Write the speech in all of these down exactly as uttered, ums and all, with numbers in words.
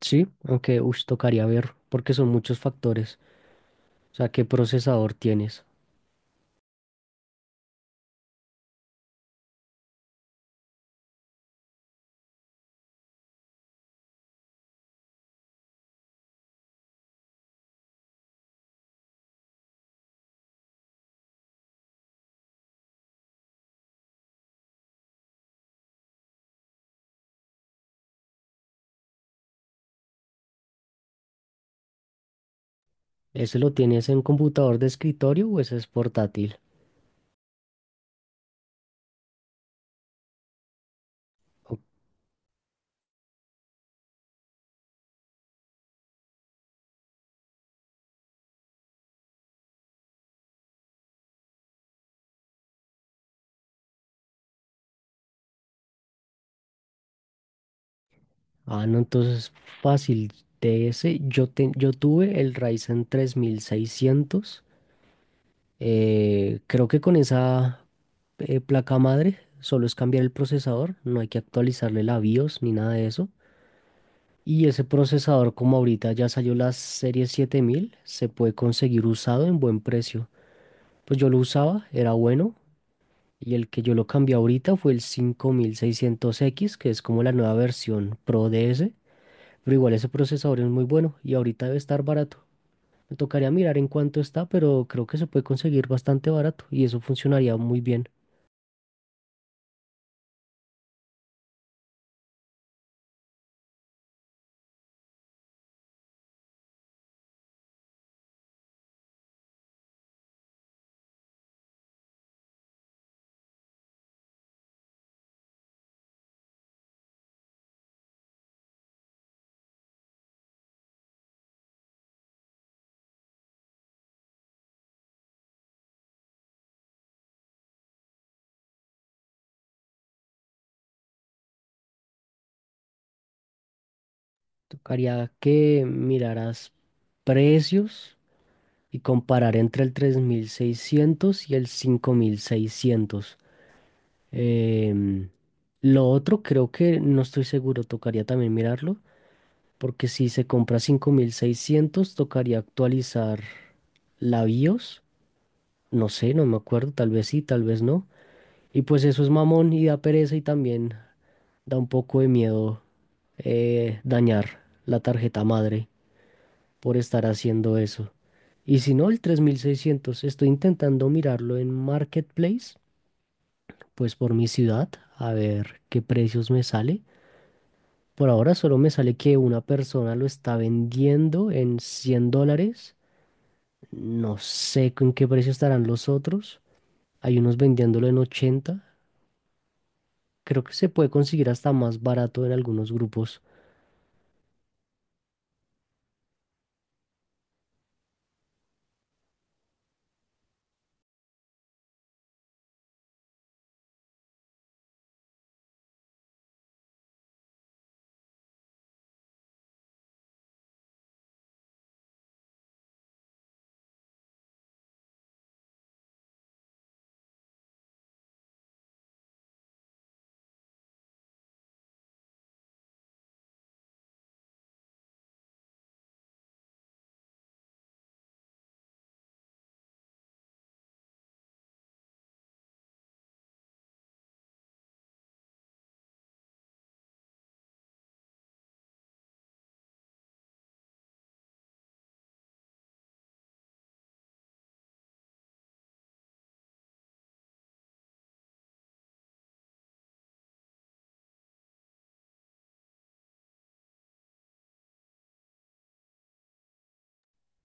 Sí, aunque ush, tocaría ver porque son muchos factores. O sea, ¿qué procesador tienes? ¿Ese lo tienes en computador de escritorio o ese es portátil? O- Ah, no, entonces fácil. De ese yo, te- yo tuve el Ryzen tres mil seiscientos. eh, creo que con esa eh, placa madre solo es cambiar el procesador, no hay que actualizarle la BIOS ni nada de eso. Y ese procesador, como ahorita ya salió la serie siete mil, se puede conseguir usado en buen precio. Pues yo lo usaba, era bueno. Y el que yo lo cambié ahorita fue el cinco mil seiscientos x, que es como la nueva versión Pro de ese. Pero igual ese procesador es muy bueno y ahorita debe estar barato. Me tocaría mirar en cuánto está, pero creo que se puede conseguir bastante barato y eso funcionaría muy bien. Tocaría que miraras precios y comparar entre el tres mil seiscientos y el cinco mil seiscientos. Em, lo otro creo que no estoy seguro, tocaría también mirarlo. Porque si se compra cinco mil seiscientos tocaría actualizar la BIOS. No sé, no me acuerdo, tal vez sí, tal vez no. Y pues eso es mamón y da pereza y también da un poco de miedo eh, dañar la tarjeta madre por estar haciendo eso. Y si no, el tres mil seiscientos, estoy intentando mirarlo en Marketplace, pues por mi ciudad, a ver qué precios me sale. Por ahora solo me sale que una persona lo está vendiendo en cien dólares. No sé con qué precio estarán los otros. Hay unos vendiéndolo en ochenta. Creo que se puede conseguir hasta más barato en algunos grupos.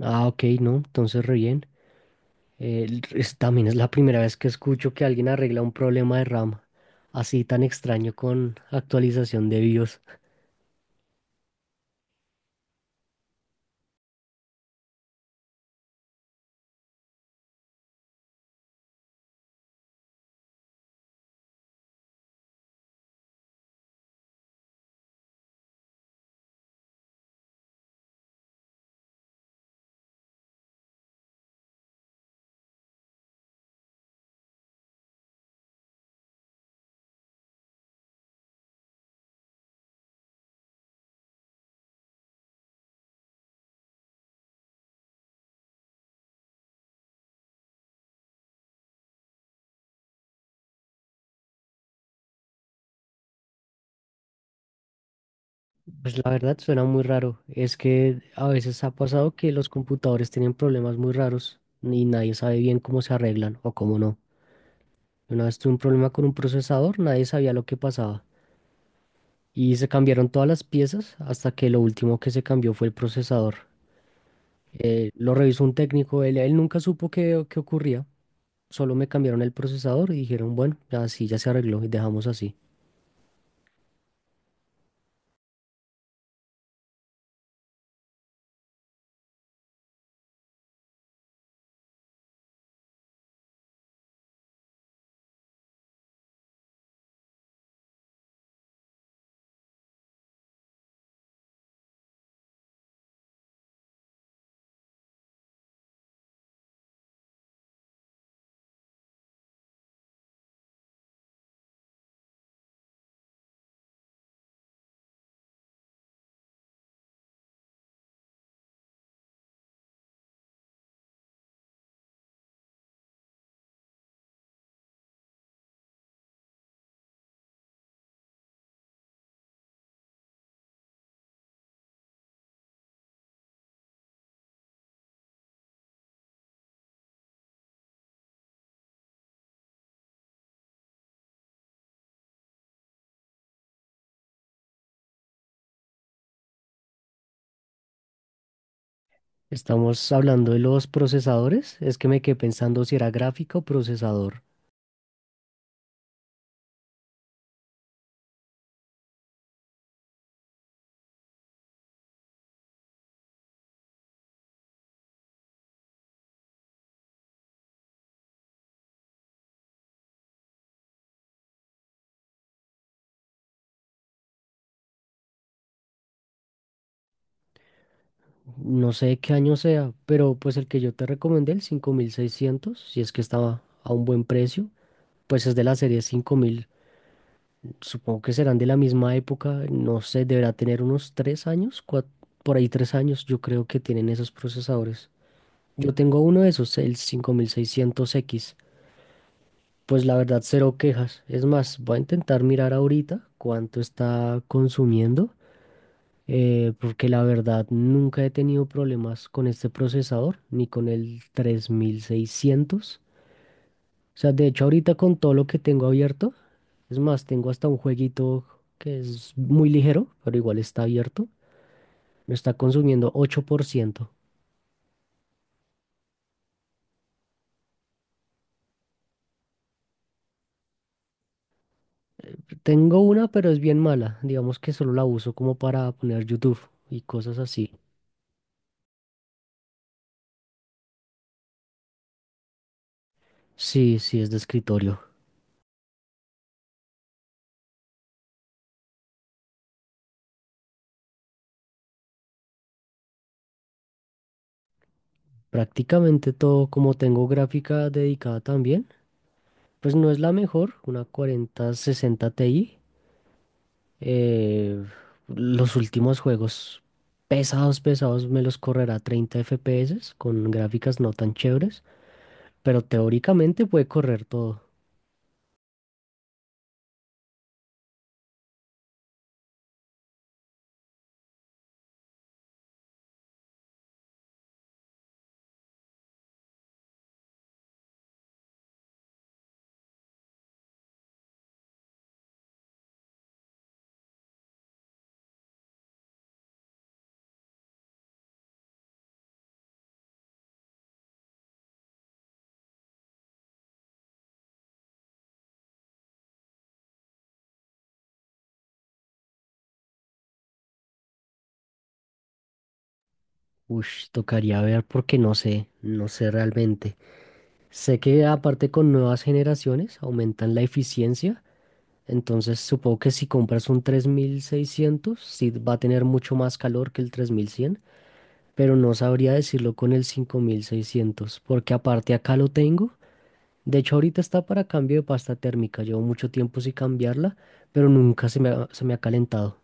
Ah, ok, no, entonces re bien. Eh, l- es- también es la primera vez que escucho que alguien arregla un problema de RAM así tan extraño con actualización de BIOS. Pues la verdad suena muy raro. Es que a veces ha pasado que los computadores tienen problemas muy raros y nadie sabe bien cómo se arreglan o cómo no. Una vez tuve un problema con un procesador, nadie sabía lo que pasaba. Y se cambiaron todas las piezas hasta que lo último que se cambió fue el procesador. Eh, lo revisó un técnico, él, él nunca supo qué, qué ocurría, solo me cambiaron el procesador y dijeron, bueno, así ya se arregló y dejamos así. Estamos hablando de los procesadores, es que me quedé pensando si era gráfica o procesador. No sé qué año sea, pero pues el que yo te recomendé, el cinco mil seiscientos si es que estaba a un buen precio, pues es de la serie cinco mil. Supongo que serán de la misma época, no sé, deberá tener unos tres años, cua- por ahí tres años, yo creo que tienen esos procesadores. Yo tengo uno de esos, el cinco mil seiscientos x. Pues la verdad, cero quejas. Es más, voy a intentar mirar ahorita cuánto está consumiendo, eh, porque la verdad nunca he tenido problemas con este procesador, ni con el tres mil seiscientos. O sea, de hecho, ahorita con todo lo que tengo abierto, es más, tengo hasta un jueguito que es muy ligero, pero igual está abierto. Me está consumiendo ocho por ciento. Tengo una, pero es bien mala. Digamos que solo la uso como para poner YouTube y cosas así. Sí, sí, es de escritorio. Prácticamente todo, como tengo gráfica dedicada también, pues no es la mejor, una cuarenta sesenta Ti. Eh, los últimos juegos pesados, pesados, me los correrá a treinta F P S con gráficas no tan chéveres, pero teóricamente puede correr todo. Ush, tocaría ver porque no sé, no sé realmente. Sé que aparte con nuevas generaciones aumentan la eficiencia, entonces supongo que si compras un tres mil seiscientos sí va a tener mucho más calor que el tres mil cien, pero no sabría decirlo con el cinco mil seiscientos porque aparte acá lo tengo. De hecho, ahorita está para cambio de pasta térmica. Llevo mucho tiempo sin cambiarla, pero nunca se me ha, se me ha calentado.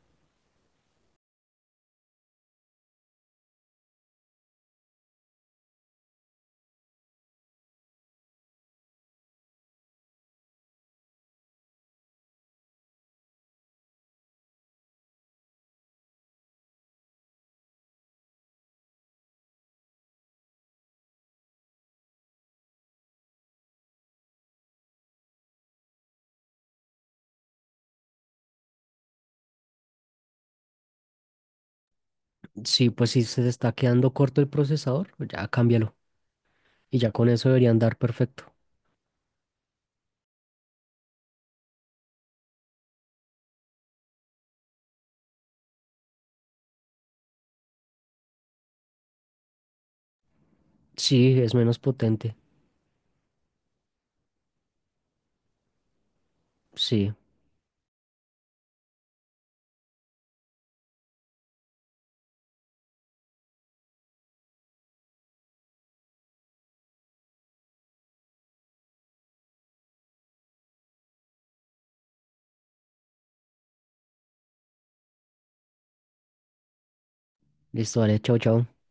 Sí, pues si se está quedando corto el procesador, ya cámbialo. Y ya con eso debería andar perfecto. Sí, es menos potente. Sí, listo, vale, chao, chao.